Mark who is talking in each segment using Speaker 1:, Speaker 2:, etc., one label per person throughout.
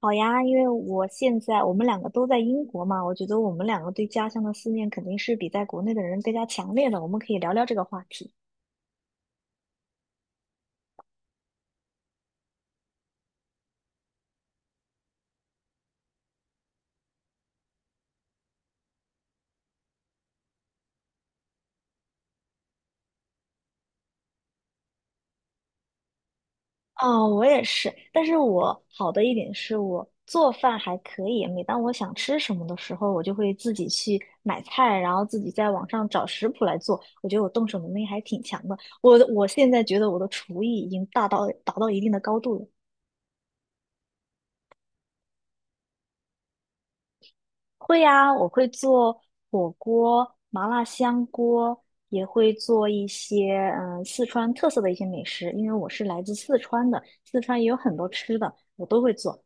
Speaker 1: 好呀，因为我现在我们两个都在英国嘛，我觉得我们两个对家乡的思念肯定是比在国内的人更加强烈的。我们可以聊聊这个话题。哦，我也是，但是我好的一点是我做饭还可以。每当我想吃什么的时候，我就会自己去买菜，然后自己在网上找食谱来做。我觉得我动手能力还挺强的。我现在觉得我的厨艺已经达到一定的高度了。会呀，我会做火锅、麻辣香锅，也会做一些四川特色的一些美食，因为我是来自四川的，四川也有很多吃的，我都会做。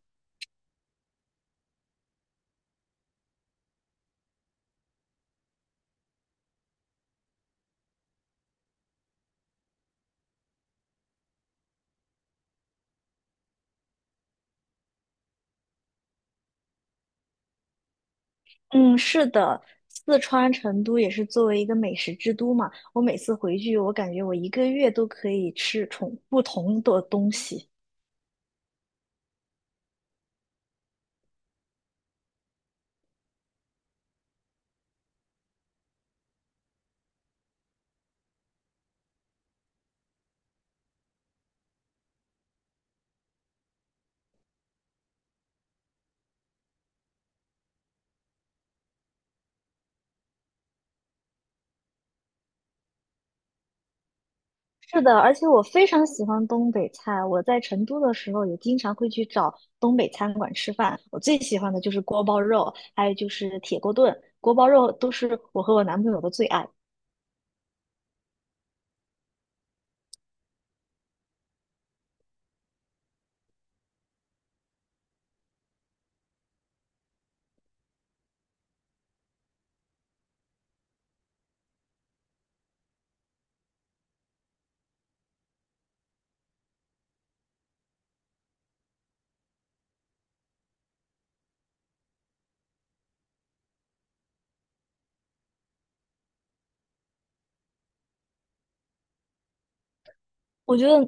Speaker 1: 嗯，是的，四川成都也是作为一个美食之都嘛，我每次回去，我感觉我一个月都可以吃重不同的东西。是的，而且我非常喜欢东北菜。我在成都的时候也经常会去找东北餐馆吃饭。我最喜欢的就是锅包肉，还有就是铁锅炖。锅包肉都是我和我男朋友的最爱。我觉得，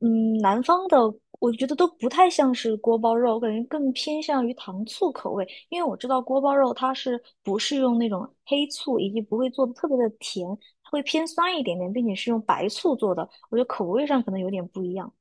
Speaker 1: 嗯，南方的我觉得都不太像是锅包肉，我感觉更偏向于糖醋口味。因为我知道锅包肉它是不是用那种黑醋，以及不会做的特别的甜，它会偏酸一点点，并且是用白醋做的。我觉得口味上可能有点不一样。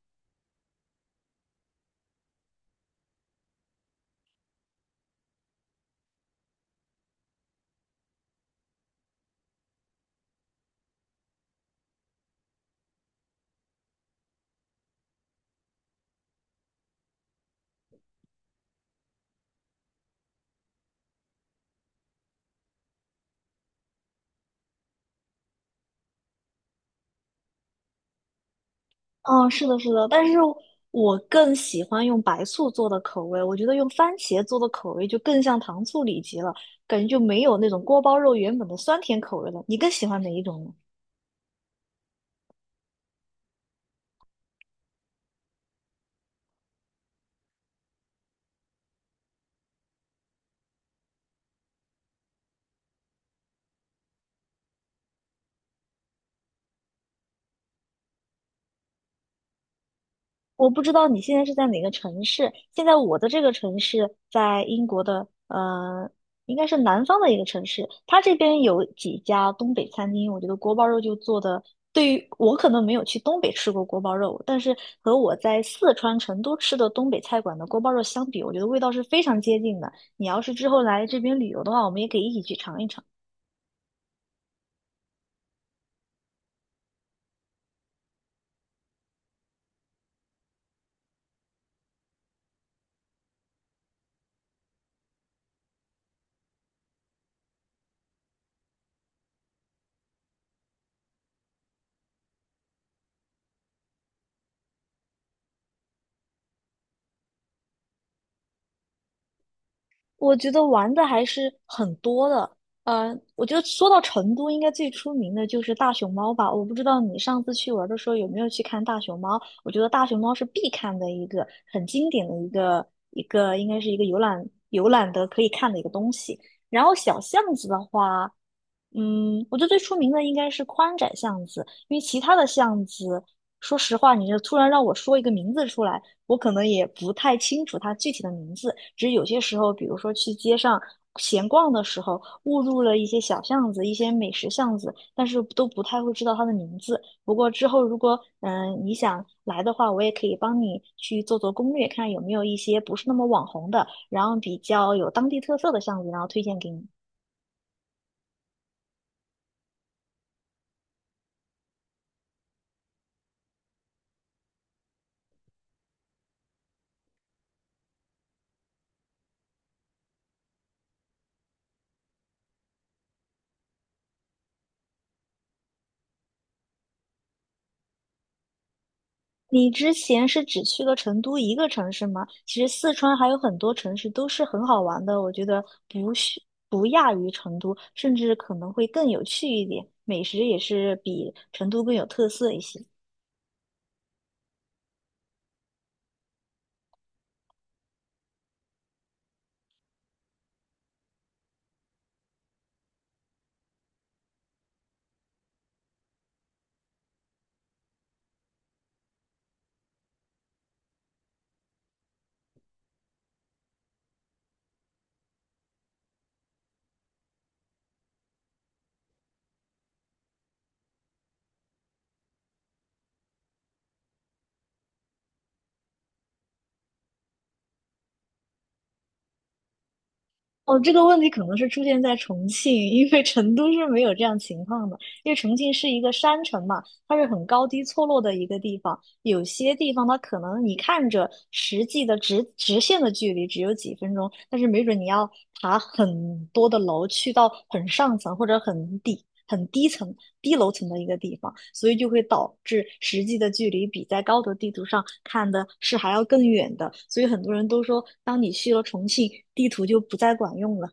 Speaker 1: 嗯，是的，是的，但是我更喜欢用白醋做的口味，我觉得用番茄做的口味就更像糖醋里脊了，感觉就没有那种锅包肉原本的酸甜口味了。你更喜欢哪一种呢？我不知道你现在是在哪个城市。现在我的这个城市在英国的，应该是南方的一个城市。它这边有几家东北餐厅，我觉得锅包肉就做的。对于我可能没有去东北吃过锅包肉，但是和我在四川成都吃的东北菜馆的锅包肉相比，我觉得味道是非常接近的。你要是之后来这边旅游的话，我们也可以一起去尝一尝。我觉得玩的还是很多的。我觉得说到成都，应该最出名的就是大熊猫吧。我不知道你上次去玩的时候有没有去看大熊猫？我觉得大熊猫是必看的很经典的一个，应该是一个游览的可以看的一个东西。然后小巷子的话，嗯，我觉得最出名的应该是宽窄巷子，因为其他的巷子说实话，你就突然让我说一个名字出来，我可能也不太清楚它具体的名字。只是有些时候，比如说去街上闲逛的时候，误入了一些小巷子、一些美食巷子，但是都不太会知道它的名字。不过之后如果你想来的话，我也可以帮你去做做攻略，看有没有一些不是那么网红的，然后比较有当地特色的巷子，然后推荐给你。你之前是只去了成都一个城市吗？其实四川还有很多城市都是很好玩的，我觉得不亚于成都，甚至可能会更有趣一点，美食也是比成都更有特色一些。哦，这个问题可能是出现在重庆，因为成都是没有这样情况的，因为重庆是一个山城嘛，它是很高低错落的一个地方，有些地方它可能你看着实际的直线的距离只有几分钟，但是没准你要爬很多的楼，去到很上层或者很低层、低楼层的一个地方，所以就会导致实际的距离比在高德地图上看的是还要更远的。所以很多人都说，当你去了重庆，地图就不再管用了。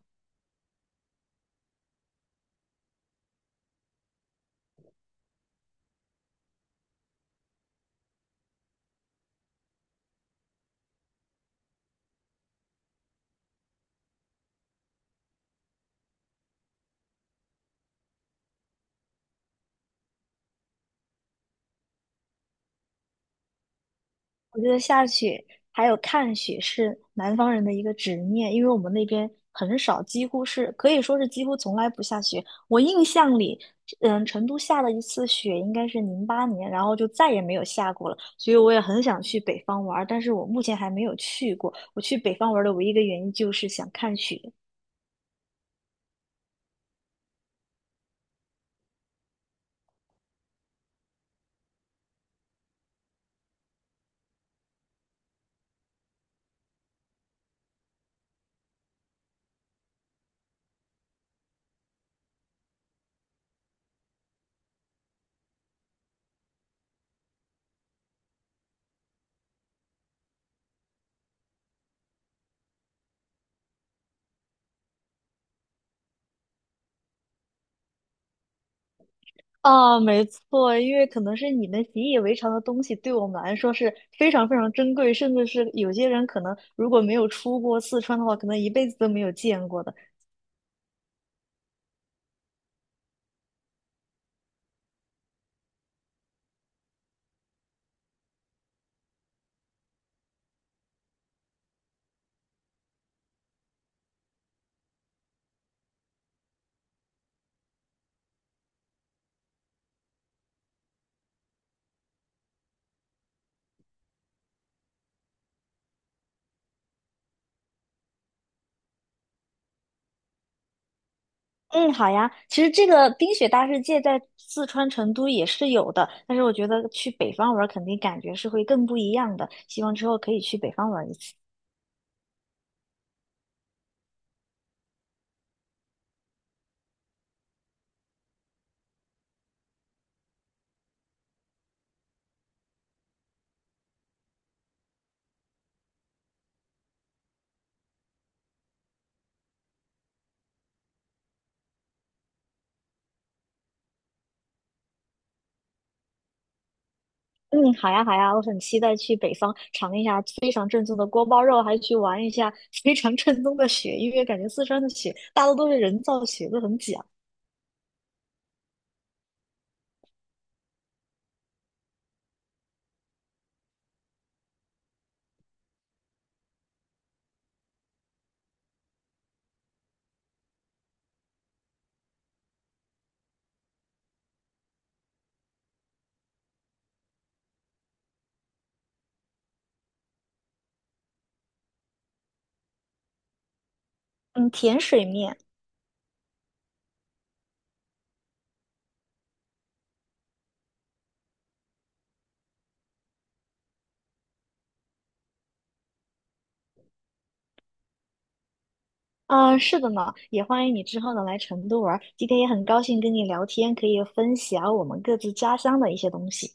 Speaker 1: 我觉得下雪还有看雪是南方人的一个执念，因为我们那边很少，几乎是可以说是几乎从来不下雪。我印象里，嗯，成都下了一次雪，应该是08年，然后就再也没有下过了。所以我也很想去北方玩儿，但是我目前还没有去过。我去北方玩儿的唯一一个原因就是想看雪。啊，没错，因为可能是你们习以为常的东西，对我们来说是非常非常珍贵，甚至是有些人可能如果没有出过四川的话，可能一辈子都没有见过的。嗯，好呀，其实这个冰雪大世界在四川成都也是有的，但是我觉得去北方玩儿肯定感觉是会更不一样的，希望之后可以去北方玩儿一次。嗯，好呀，好呀，我很期待去北方尝一下非常正宗的锅包肉，还去玩一下 非常正宗的雪，因为感觉四川的雪大多都是人造雪，都很假。嗯，甜水面，啊，是的呢，也欢迎你之后呢来成都玩儿。今天也很高兴跟你聊天，可以分享我们各自家乡的一些东西。